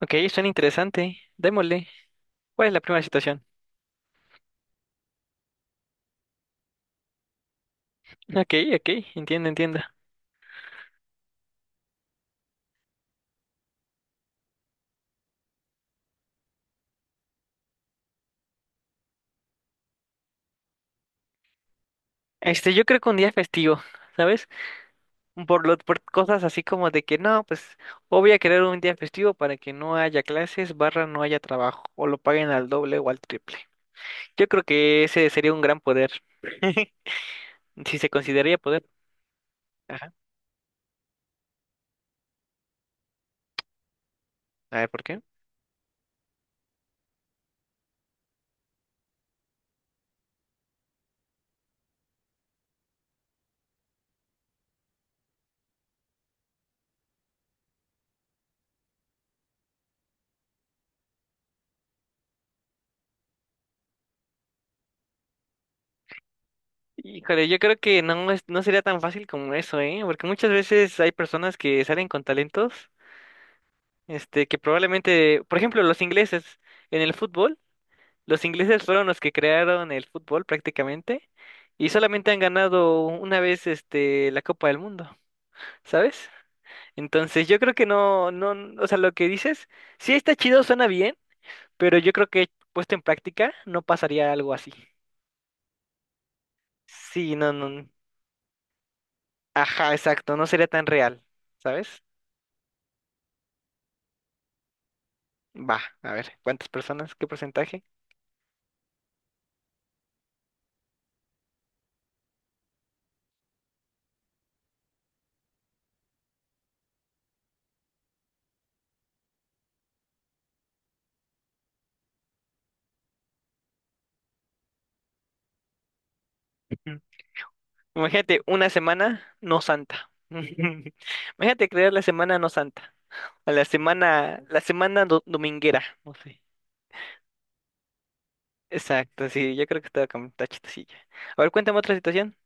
Ok, suena interesante. Démosle. ¿Cuál es la primera situación? Ok, ok, entiendo. Este, yo creo que un día festivo, ¿sabes? Por cosas así como de que no, pues o voy a querer un día festivo para que no haya clases, barra no haya trabajo, o lo paguen al doble o al triple. Yo creo que ese sería un gran poder. Si se consideraría poder. Ajá. A ver, ¿por qué? Híjole, yo creo que no sería tan fácil como eso, ¿eh? Porque muchas veces hay personas que salen con talentos. Este, que probablemente, por ejemplo, los ingleses en el fútbol, los ingleses fueron los que crearon el fútbol prácticamente y solamente han ganado una vez este la Copa del Mundo, ¿sabes? Entonces, yo creo que no, o sea, lo que dices, sí está chido, suena bien, pero yo creo que puesto en práctica no pasaría algo así. Sí, no, no. Ajá, exacto, no sería tan real, ¿sabes? Va, a ver, ¿cuántas personas? ¿Qué porcentaje? Imagínate una semana no santa. Imagínate crear la semana no santa. A la semana, dominguera, no sé. Exacto, sí, yo creo que estaba con está chistosilla. A ver, cuéntame otra situación.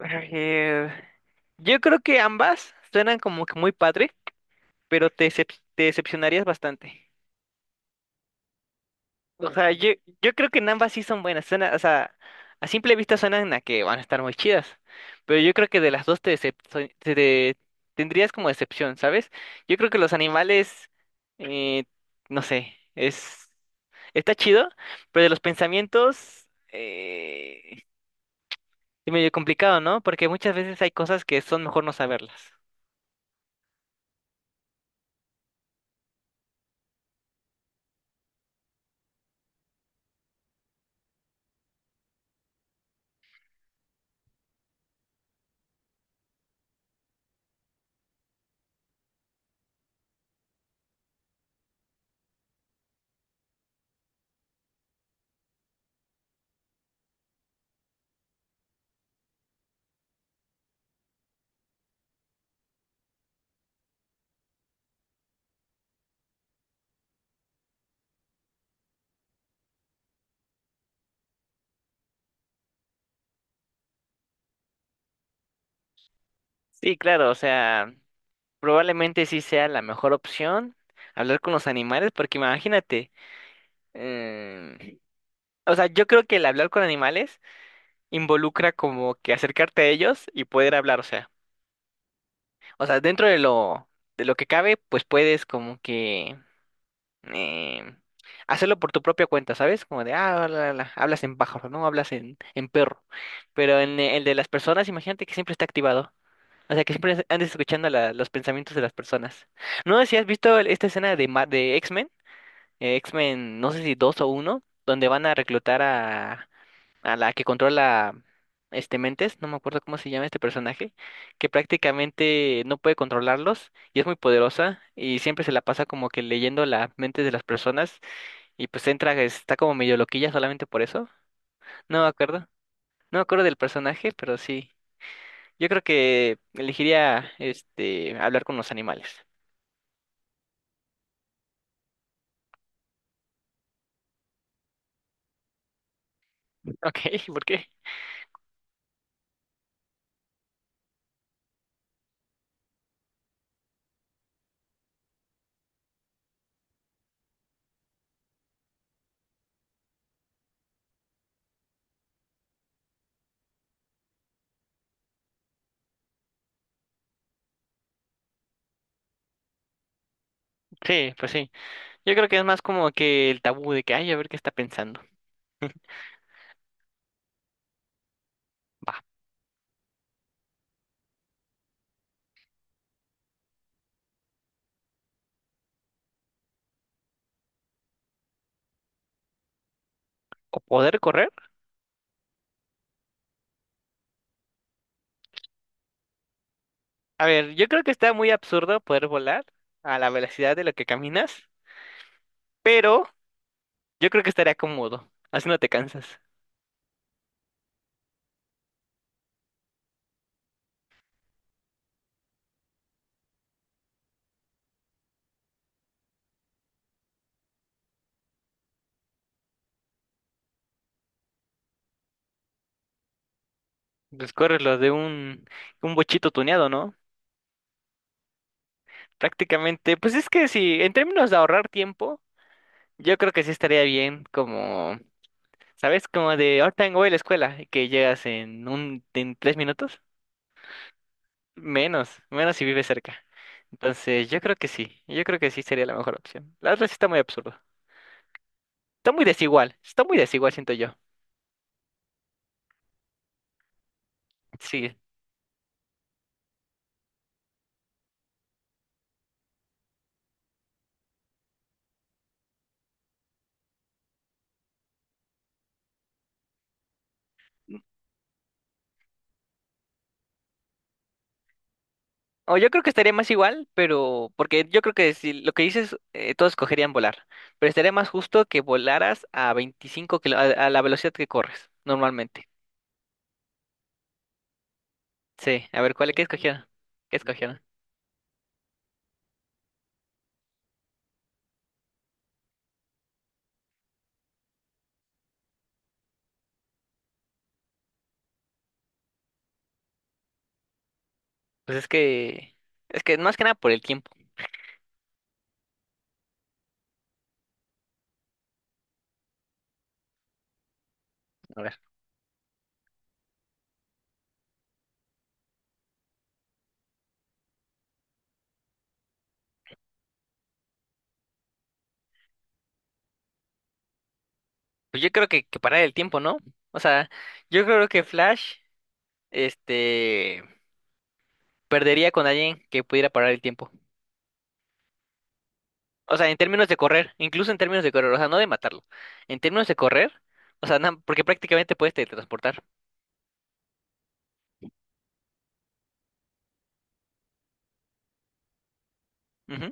A ver, yo creo que ambas suenan como que muy padre, pero te decepcionarías bastante. O sea, yo creo que en ambas sí son buenas. Suena, o sea, a simple vista suenan a que van a estar muy chidas. Pero yo creo que de las dos te, decep- so- te- tendrías como decepción, ¿sabes? Yo creo que los animales, eh, no sé, es está chido, pero de los pensamientos es medio complicado, ¿no? Porque muchas veces hay cosas que son mejor no saberlas. Sí, claro, o sea, probablemente sí sea la mejor opción hablar con los animales, porque imagínate. O sea, yo creo que el hablar con animales involucra como que acercarte a ellos y poder hablar, o sea, dentro de lo que cabe, pues puedes como que eh, hacerlo por tu propia cuenta, ¿sabes? Como de ah, la, hablas en pájaro, ¿no? Hablas en perro. Pero en e, el de las personas, imagínate que siempre está activado. O sea, que siempre andes escuchando la- los pensamientos de las personas. No sé si has visto el- esta escena de de X-Men, X-Men, no sé si dos o uno, donde van a reclutar a la que controla este Mentes, no me acuerdo cómo se llama este personaje, que prácticamente no puede controlarlos y es muy poderosa y siempre se la pasa como que leyendo las mentes de las personas y pues entra, está como medio loquilla solamente por eso. No me acuerdo, no me acuerdo del personaje, pero sí. Yo creo que elegiría este hablar con los animales. Ok, ¿por qué? Sí, pues sí. Yo creo que es más como que el tabú de que, ay, a ver qué está pensando. Va. O poder correr. A ver, yo creo que está muy absurdo poder volar a la velocidad de lo que caminas, pero yo creo que estaría cómodo, así no te cansas. Pues corres lo de un bochito tuneado, ¿no? Prácticamente, pues es que si, en términos de ahorrar tiempo, yo creo que sí estaría bien, como, ¿sabes? Como de ahorita voy a la escuela, y que llegas en un, en tres minutos, menos, menos si vives cerca. Entonces, yo creo que sí, yo creo que sí sería la mejor opción. La otra sí está muy absurda. Está muy desigual, siento yo. Sí. O yo creo que estaría más igual, pero porque yo creo que si lo que dices, todos escogerían volar, pero estaría más justo que volaras a 25 kilo, a la velocidad que corres normalmente. Sí, a ver, ¿cuál, qué escogieron? ¿Qué escogieron? Pues es que, es que más que nada por el tiempo. A ver, pues yo creo que parar el tiempo, ¿no? O sea, yo creo que Flash, este, perdería con alguien que pudiera parar el tiempo. O sea, en términos de correr, incluso en términos de correr, o sea, no de matarlo. En términos de correr, o sea, na- porque prácticamente puedes teletransportar. Ujú.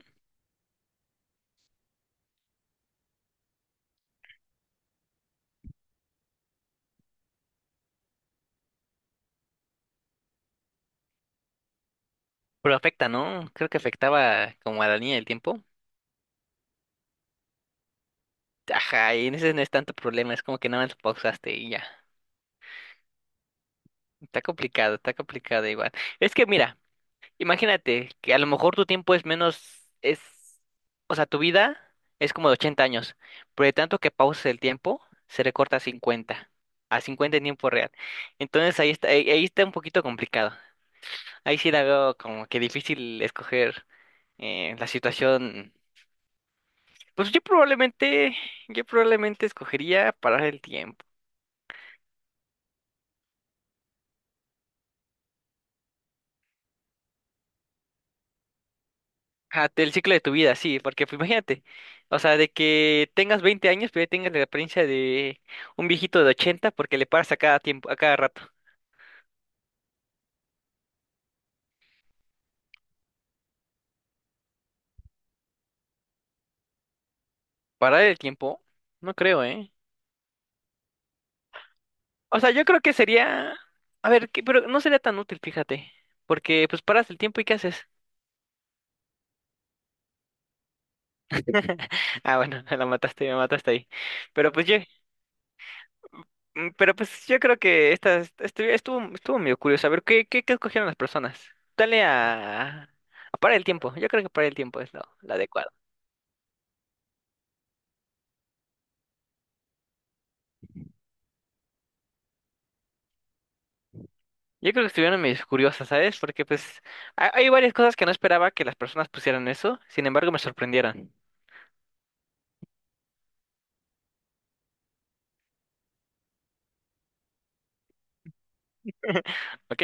Pero afecta, ¿no? Creo que afectaba como a la línea del tiempo. Ajá, y en ese no es tanto problema, es como que nada más pausaste y ya. Está complicado igual. Es que mira, imagínate que a lo mejor tu tiempo es menos, es, o sea, tu vida es como de 80 años, pero de tanto que pauses el tiempo, se recorta a 50 en tiempo real. Entonces ahí está, ahí está un poquito complicado. Ahí sí la veo como que difícil escoger la situación. Pues yo probablemente escogería parar el tiempo. Ajá, el ciclo de tu vida, sí, porque pues, imagínate, o sea, de que tengas 20 años, pero ya tengas la apariencia de un viejito de 80 porque le paras a cada tiempo, a cada rato. ¿Parar el tiempo? No creo, ¿eh? O sea, yo creo que sería, a ver, que- pero no sería tan útil, fíjate, porque pues paras el tiempo y ¿qué haces? Ah, bueno, la mataste, me mataste ahí. Pero pues yo, mm, pero pues yo creo que esta estuvo, estuvo medio curioso. A ver, ¿qué, qué, qué escogieron las personas? Dale a, a parar el tiempo. Yo creo que parar el tiempo es lo adecuado. Yo creo que estuvieron medio curiosas, ¿sabes? Porque pues hay varias cosas que no esperaba que las personas pusieran eso. Sin embargo, me sorprendieron. ¿Ok?